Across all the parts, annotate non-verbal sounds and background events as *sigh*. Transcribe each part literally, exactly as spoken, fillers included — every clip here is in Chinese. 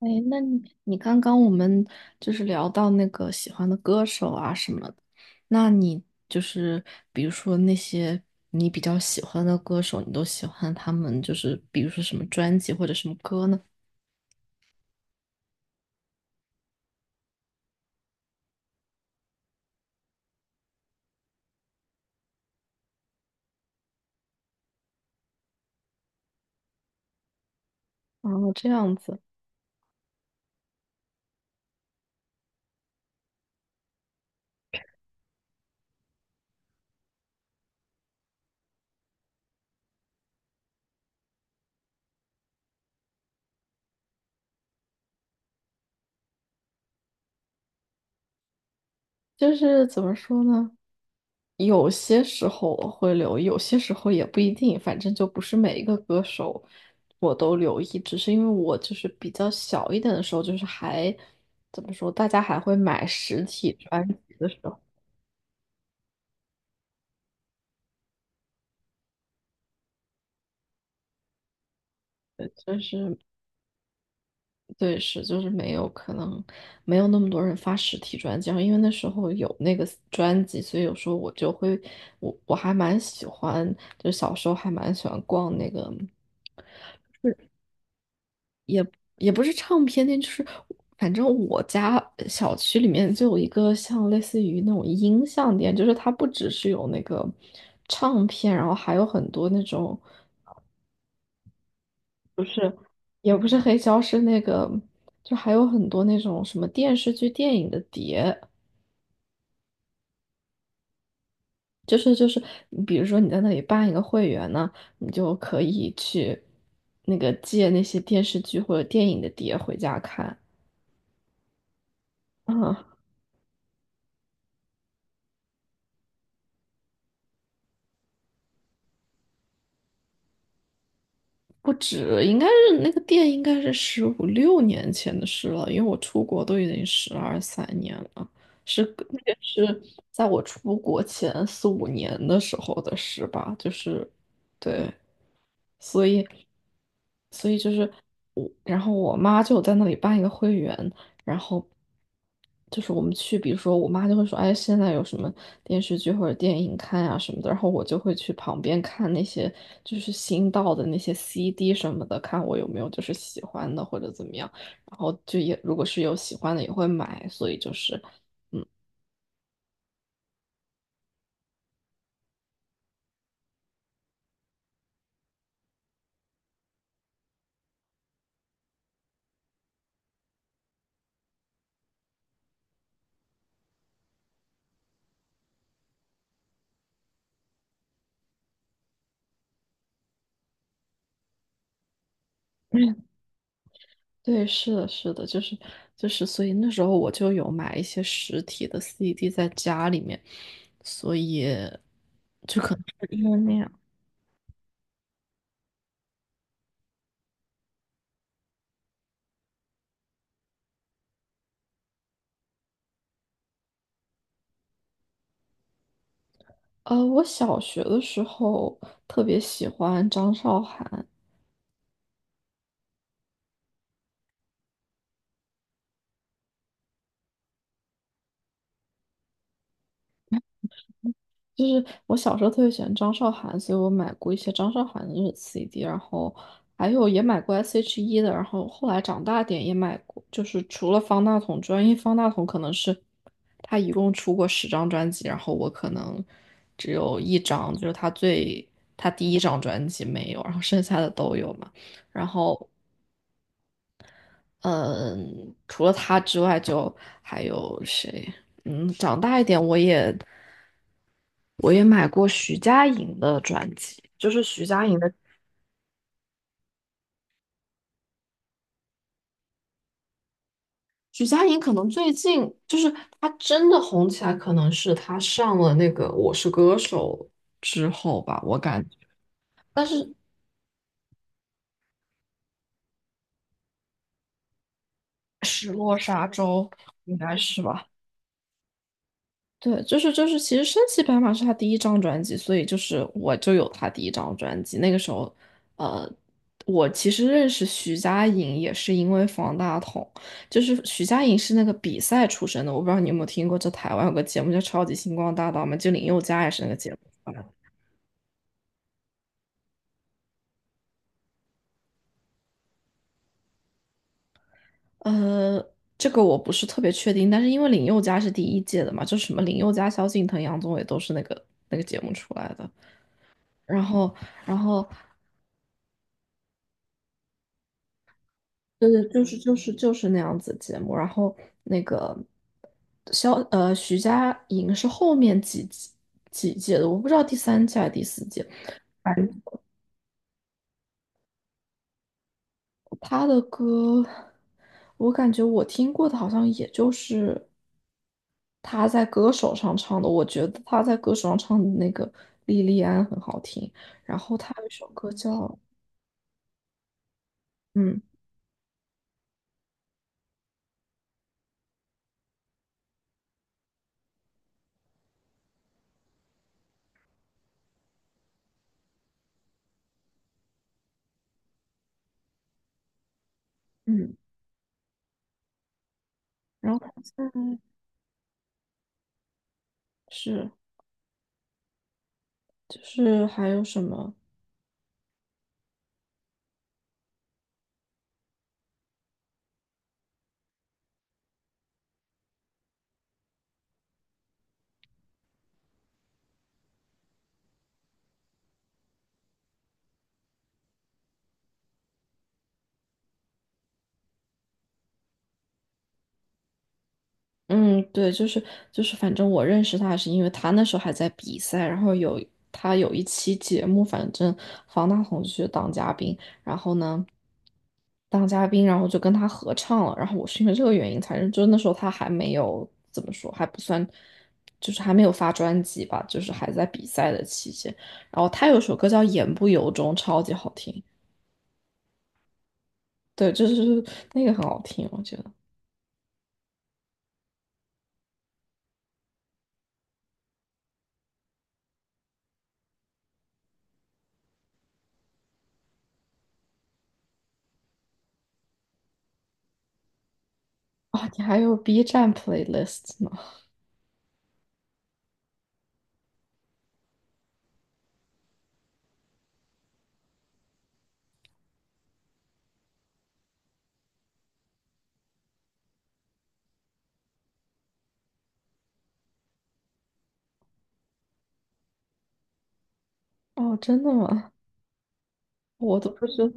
哎，那你你刚刚我们就是聊到那个喜欢的歌手啊什么的，那你就是比如说那些你比较喜欢的歌手，你都喜欢他们就是比如说什么专辑或者什么歌呢？哦，这样子，就是怎么说呢？有些时候我会留意，有些时候也不一定，反正就不是每一个歌手我都留意，只是因为我就是比较小一点的时候，就是还怎么说，大家还会买实体专辑的时候，对，就是对，是就是没有，可能没有那么多人发实体专辑。然后因为那时候有那个专辑，所以有时候我就会，我我还蛮喜欢，就小时候还蛮喜欢逛那个。也不是唱片店，就是反正我家呃小区里面就有一个像类似于那种音像店，就是它不只是有那个唱片，然后还有很多那种，也不是黑胶，是那个，就还有很多那种什么电视剧、电影的碟，就是就是，你比如说你在那里办一个会员呢，你就可以去那个借那些电视剧或者电影的碟回家看。*laughs* 嗯，不止，应该是那个店应该是十五六年前的事了，因为我出国都已经十二三年了，是那个是在我出国前四五年的时候的事吧，就是对，所以所以就是我，然后我妈就在那里办一个会员，然后就是我们去，比如说我妈就会说，哎，现在有什么电视剧或者电影看啊什么的，然后我就会去旁边看那些就是新到的那些 C D 什么的，看我有没有就是喜欢的或者怎么样，然后就也如果是有喜欢的也会买，所以就是。对，是的，是的，就是就是，所以那时候我就有买一些实体的 C D 在家里面，所以因为那样。呃，我小学的时候特别喜欢张韶涵，就是我小时候特别喜欢张韶涵，所以我买过一些张韶涵的那种 C D，然后还有也买过 S H E 的，然后后来长大点也买过，就是除了方大同专外，因为方大同可能是他一共出过十张专辑，然后我可能只有一张，就是他最他第一张专辑没有，然后剩下的都有嘛。然后嗯，除了他之外，就还有谁？嗯，长大一点，我也我也买过徐佳莹的专辑，就是徐佳莹的。徐佳莹可能最近就是她真的红起来，可能是她上了那个《我是歌手》之后吧，我感觉。但是《失落沙洲》应该是吧？对，就是就是，其实《升骑白马》是他第一张专辑，所以就是我就有他第一张专辑。那个时候，呃，我其实认识徐佳莹也是因为方大同，就是徐佳莹是那个比赛出身的，我不知道你有没有听过，就台湾有个节目叫《超级星光大道》嘛，就林宥嘉也是那个节目。呃，这个我不是特别确定，但是因为林宥嘉是第一届的嘛，就什么林宥嘉、萧敬腾、杨宗纬都是那个那个节目出来的。然后，然后对对，就是就是就是那样子节目。然后那个肖呃徐佳莹是后面几季几届的，我不知道第三届还是第四届。反正她的歌，我感觉我听过的好像也就是她在歌手上唱的。我觉得她在歌手上唱的那个《莉莉安》很好听。然后她有一首歌叫嗯嗯，然后她现在是就是还有什么？嗯，对，就是就是，反正我认识他是因为他那时候还在比赛，然后有他有一期节目，反正方大同去当嘉宾，然后呢当嘉宾，然后就跟他合唱了，然后我是因为这个原因才认，就是那时候他还没有怎么说，还不算，就是还没有发专辑吧，就是还在比赛的期间，然后他有首歌叫《言不由衷》，超级好听，对，就是那个很好听，我觉得。哦，你还有 B 站 playlist 吗？哦，真的吗？我都不知道，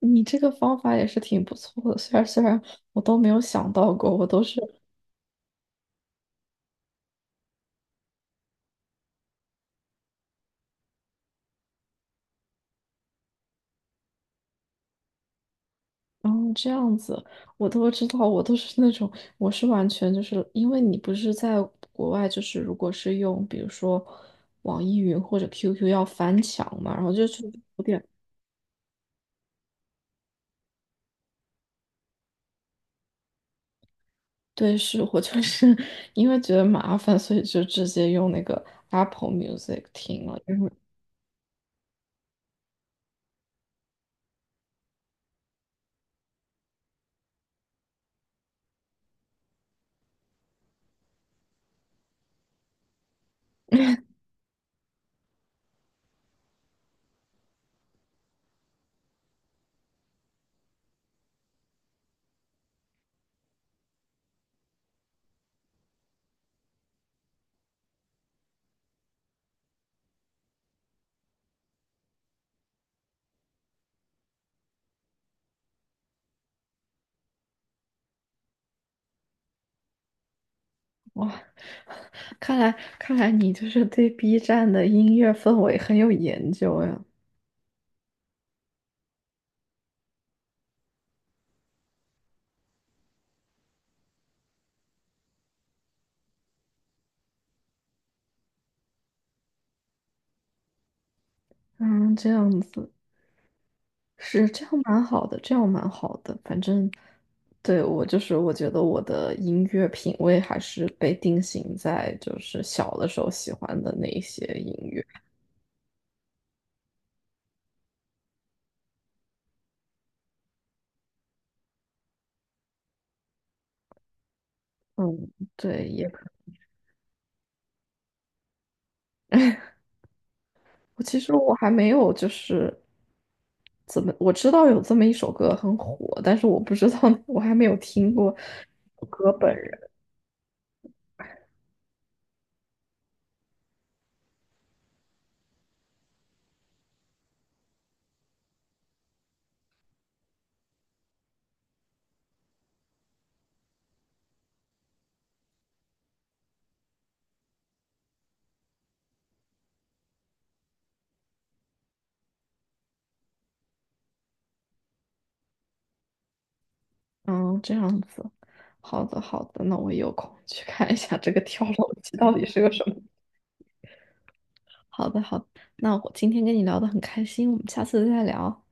你这个方法也是挺不错的。虽然虽然我都没有想到过，我都是嗯这样子，我都知道，我都是那种我是完全就是因为你不是在国外，就是如果是用比如说网易云或者 Q Q 要翻墙嘛，然后就是有点对，是我就是 *laughs* 因为觉得麻烦，所以就直接用那个 Apple Music 听了。哇，看来看来你就是对 B 站的音乐氛围很有研究呀。嗯，这样子是这样蛮好的，这样蛮好的。反正对我就是我觉得我的音乐品味还是被定型在就是小的时候喜欢的那一些音乐。嗯，对，也我其实我还没有就是怎么我知道有这么一首歌很火，但是我不知道我还没有听过歌本人。嗯，这样子，好的好的，那我有空去看一下这个跳楼机到底是个什么。好的好的，那我今天跟你聊得很开心，我们下次再聊。